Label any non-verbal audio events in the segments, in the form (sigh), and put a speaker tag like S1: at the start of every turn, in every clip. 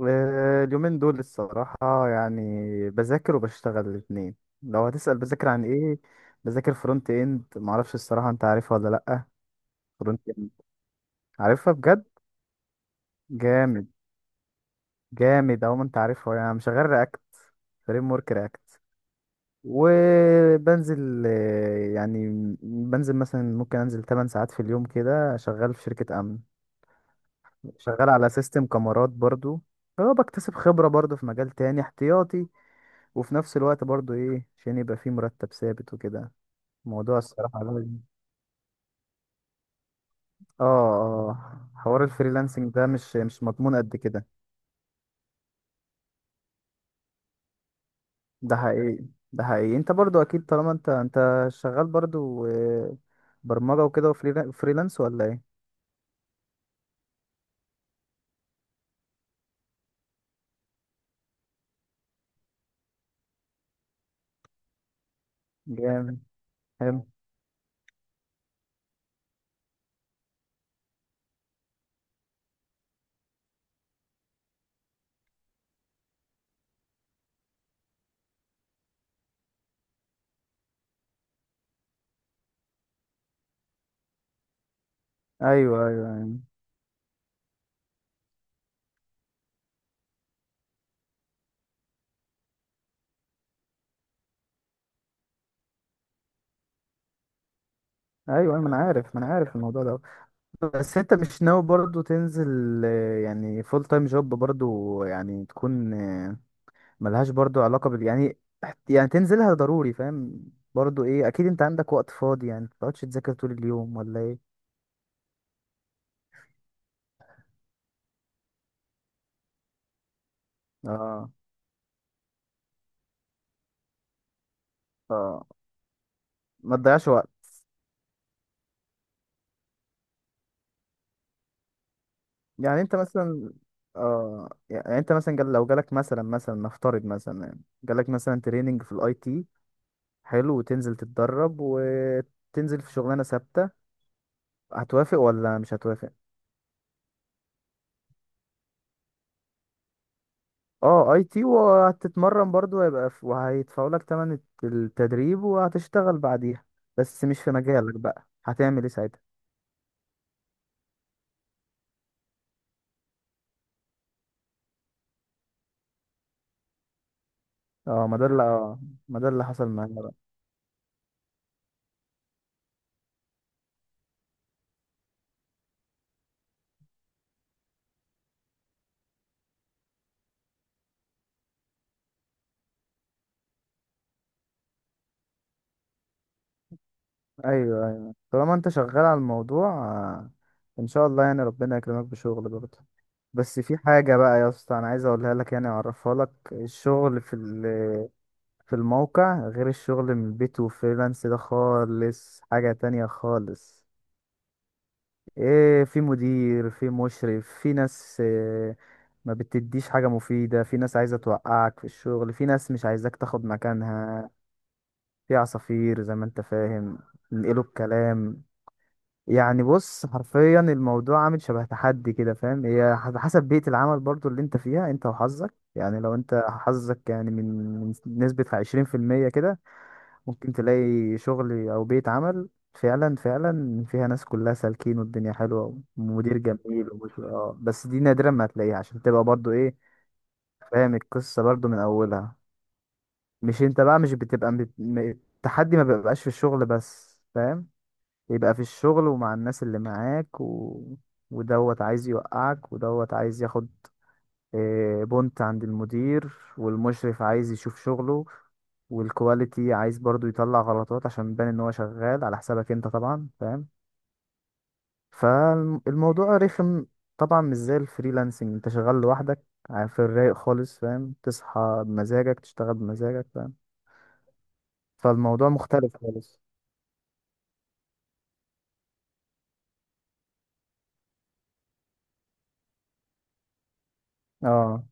S1: اليومين دول الصراحة، يعني بذاكر وبشتغل الاتنين. لو هتسأل بذاكر عن ايه؟ بذاكر فرونت اند، معرفش الصراحة انت عارفها ولا لأ. فرونت اند. عارفها بجد؟ جامد. جامد اهو، ما انت عارفها، يعني شغال رياكت، فريم ورك رياكت. وبنزل، يعني بنزل مثلا ممكن انزل 8 ساعات في اليوم كده، شغال في شركة امن. شغال على سيستم كاميرات برضو. هو بكتسب خبرة برضو في مجال تاني احتياطي. وفي نفس الوقت برضو ايه، عشان يبقى فيه مرتب ثابت وكده. موضوع الصراحة ده- اه، اه، حوار الفريلانسنج ده مش مضمون قد كده. ده حقيقي. ده حقيقي، انت برضو اكيد طالما انت شغال برضو، برمجة وكده وفريلانس ولا ايه؟ جامد. حلو. ايوه، ايوه، ايوه، ايوه، أيوه، ما انا عارف، ما انا عارف الموضوع ده. بس انت مش ناوي برضو تنزل، يعني فول تايم جوب برضو، يعني تكون، ملهاش برضو علاقة بال، يعني. يعني تنزلها ضروري، فاهم. برضو ايه؟ اكيد انت عندك وقت فاضي، يعني متقعدش تذاكر طول اليوم ولا ايه؟ اه، اه، ما تضيعش وقت. يعني انت مثلا اه يعني انت مثلا لو جالك مثلا نفترض مثلا، يعني جالك مثلا تريننج في الاي تي. حلو، وتنزل تتدرب وتنزل في شغلانة ثابتة. هتوافق ولا مش هتوافق؟ اه، اي تي، وهتتمرن برضو هيبقى وهيدفعوا لك تمن التدريب وهتشتغل بعديها. بس مش في مجالك بقى، هتعمل ايه ساعتها؟ اه، ما ده اللي حصل معايا بقى. ايوه، ايوه، طالما انت شغال على الموضوع، ان شاء الله يعني ربنا يكرمك بشغل برضه. بس في حاجة بقى يا اسطى، انا عايز اقولها لك، يعني اعرفها لك. الشغل في الموقع غير الشغل من البيت وفريلانس، ده خالص حاجة تانية خالص. ايه، في مدير، في مشرف، في ناس، ما بتديش حاجة مفيدة، في ناس عايزة توقعك في الشغل، في ناس مش عايزاك تاخد مكانها. في عصافير زي ما انت فاهم، ينقلوا الكلام. يعني بص، حرفيا الموضوع عامل شبه تحدي كده، فاهم؟ هي على حسب بيئة العمل برضو اللي انت فيها، انت وحظك، يعني لو انت حظك يعني من نسبة عشرين في المية كده، ممكن تلاقي شغل او بيت عمل فعلا، فعلا فيها ناس كلها سالكين والدنيا حلوه ومدير جميل ومش، اه، بس دي نادرا ما هتلاقيها عشان تبقى برضو ايه. فاهم القصه برضو من اولها. مش انت بقى مش بتبقى التحدي ما بيبقاش في الشغل بس، فاهم؟ يبقى في الشغل ومع الناس اللي معاك ودوت عايز يوقعك، ودوت عايز ياخد بنت عند المدير، والمشرف عايز يشوف شغله، والكواليتي عايز برضو يطلع غلطات عشان يبان ان هو شغال على حسابك انت، طبعا فاهم. فالموضوع رخم طبعا، مش زي الفريلانسنج. انت شغال لوحدك في الرايق خالص، فاهم، تصحى بمزاجك، تشتغل بمزاجك، فاهم، فالموضوع مختلف خالص. اه،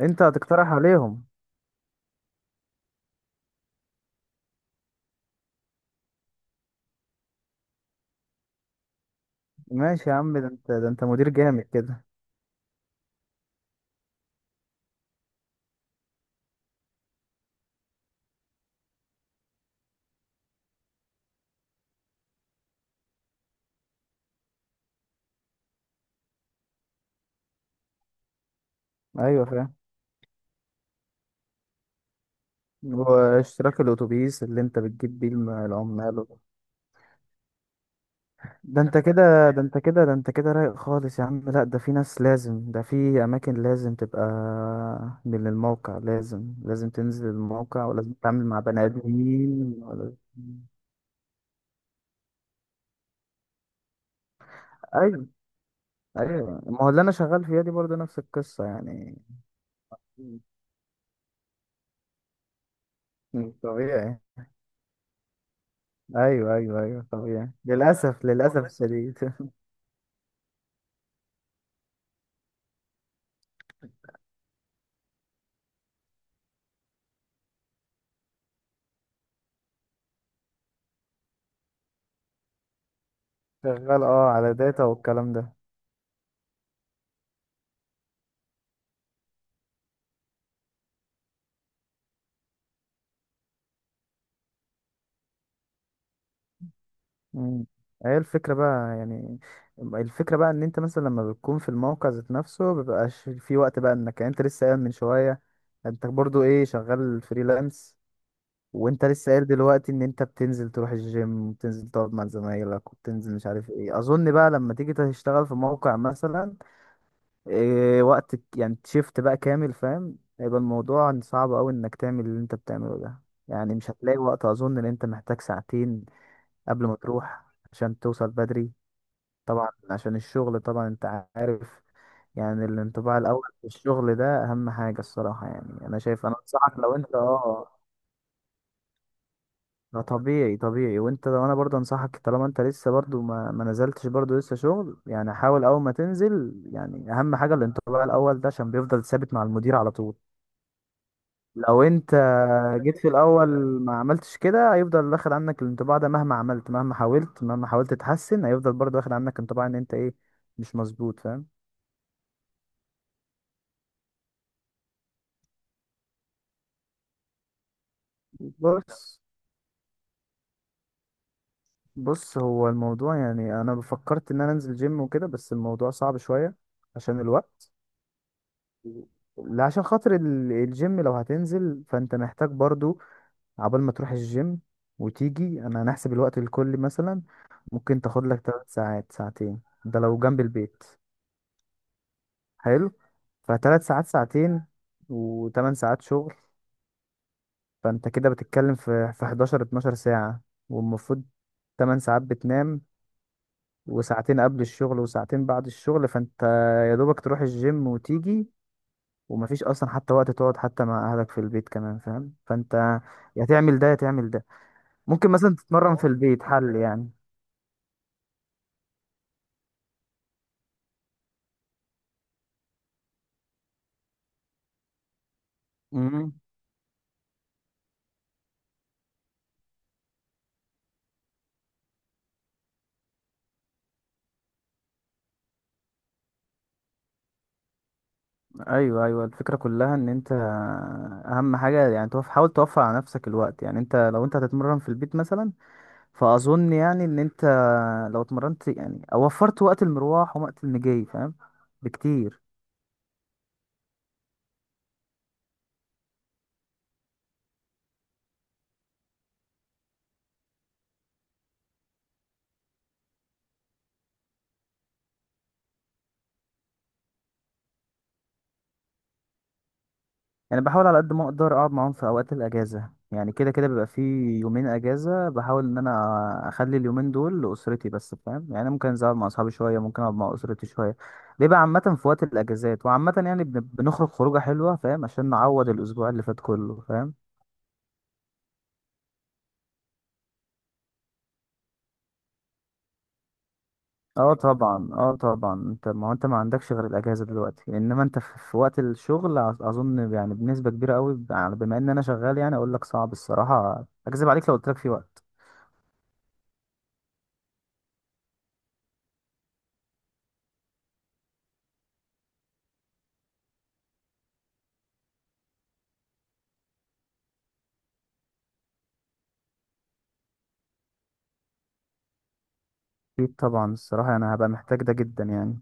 S1: انت هتقترح عليهم. ماشي يا عم، ده انت، ده انت مدير جامد كده. ايوه فاهم. واشتراك الاتوبيس اللي انت بتجيب بيه العمال. ده انت كده، ده انت كده، ده انت كده رايق خالص يا عم. لا، ده في ناس لازم، ده في اماكن لازم تبقى من الموقع، لازم تنزل الموقع، ولازم تتعامل مع بني ادمين ايوه، ايوه، ما هو اللي انا شغال فيها دي برضه نفس القصه يعني. مم. طبيعي. ايوه، ايوه، ايوه، طبيعي للاسف، للاسف الشديد. (laughs) شغال اه، على داتا والكلام ده. مم. هي الفكرة بقى يعني، الفكرة بقى ان انت مثلا لما بتكون في الموقع ذات نفسه، مبيبقاش في وقت بقى انك، يعني انت لسه قايل من شوية انت برضو ايه، شغال فريلانس. وانت لسه قايل دلوقتي ان انت بتنزل تروح الجيم، وبتنزل تقعد مع زمايلك، وبتنزل مش عارف ايه. اظن بقى لما تيجي تشتغل في موقع مثلا وقت يعني شيفت بقى كامل، فاهم، هيبقى الموضوع صعب قوي انك تعمل اللي انت بتعمله ده. يعني مش هتلاقي وقت، اظن ان انت محتاج ساعتين قبل ما تروح، عشان توصل بدري. طبعا عشان الشغل، طبعا انت عارف، يعني الانطباع الاول في الشغل ده اهم حاجه الصراحه، يعني انا شايف، انا انصحك لو انت اه. ده طبيعي، طبيعي. وانت لو، انا برضه انصحك طالما انت لسه برضه ما نزلتش برضه لسه شغل، يعني حاول اول ما تنزل، يعني اهم حاجه الانطباع الاول ده عشان بيفضل ثابت مع المدير على طول. لو انت جيت في الاول ما عملتش كده، هيفضل واخد عنك الانطباع ده مهما عملت، مهما حاولت تتحسن، هيفضل برضه واخد عنك انطباع ان انت ايه، مش مظبوط، فاهم. بص، بص، هو الموضوع يعني انا فكرت ان انا انزل جيم وكده، بس الموضوع صعب شوية عشان الوقت. لا، عشان خاطر الجيم. لو هتنزل فانت محتاج برضو، عبال ما تروح الجيم وتيجي. انا هنحسب الوقت الكلي مثلا، ممكن تاخد لك 3 ساعات، ساعتين ده لو جنب البيت، حلو. فتلات ساعات، ساعتين، وتمن ساعات شغل، فانت كده بتتكلم في 11، 12 ساعة. والمفروض 8 ساعات بتنام، وساعتين قبل الشغل، وساعتين بعد الشغل، فانت يا دوبك تروح الجيم وتيجي، ومفيش اصلا حتى وقت تقعد حتى مع اهلك في البيت كمان، فاهم. فانت يا تعمل ده يا تعمل ده. ممكن مثلا تتمرن في البيت، حل يعني. امم، ايوه، ايوه، الفكره كلها ان انت اهم حاجه يعني، حاول توفر على نفسك الوقت، يعني انت لو انت هتتمرن في البيت مثلا فاظن يعني ان انت لو اتمرنت، يعني أو وفرت وقت المروح ووقت المجي، فاهم، بكتير. يعني بحاول على قد ما اقدر اقعد معاهم في اوقات الاجازه، يعني كده كده بيبقى في يومين اجازه، بحاول ان انا اخلي اليومين دول لاسرتي بس، فاهم، يعني ممكن انزل أقعد مع اصحابي شويه، ممكن اقعد مع اسرتي شويه. بيبقى عامه في وقت الاجازات، وعامه يعني بنخرج خروجه حلوه، فاهم، عشان نعوض الاسبوع اللي فات كله، فاهم. اه طبعا، اه طبعا، انت ما هو انت ما عندكش غير الاجازه دلوقتي، انما انت في وقت الشغل اظن يعني بنسبه كبيره قوي، بما ان انا شغال، يعني اقول لك صعب الصراحه، اكذب عليك لو قلت لك في وقت. أكيد طبعا، الصراحة أنا هبقى محتاج ده جدا، يعني.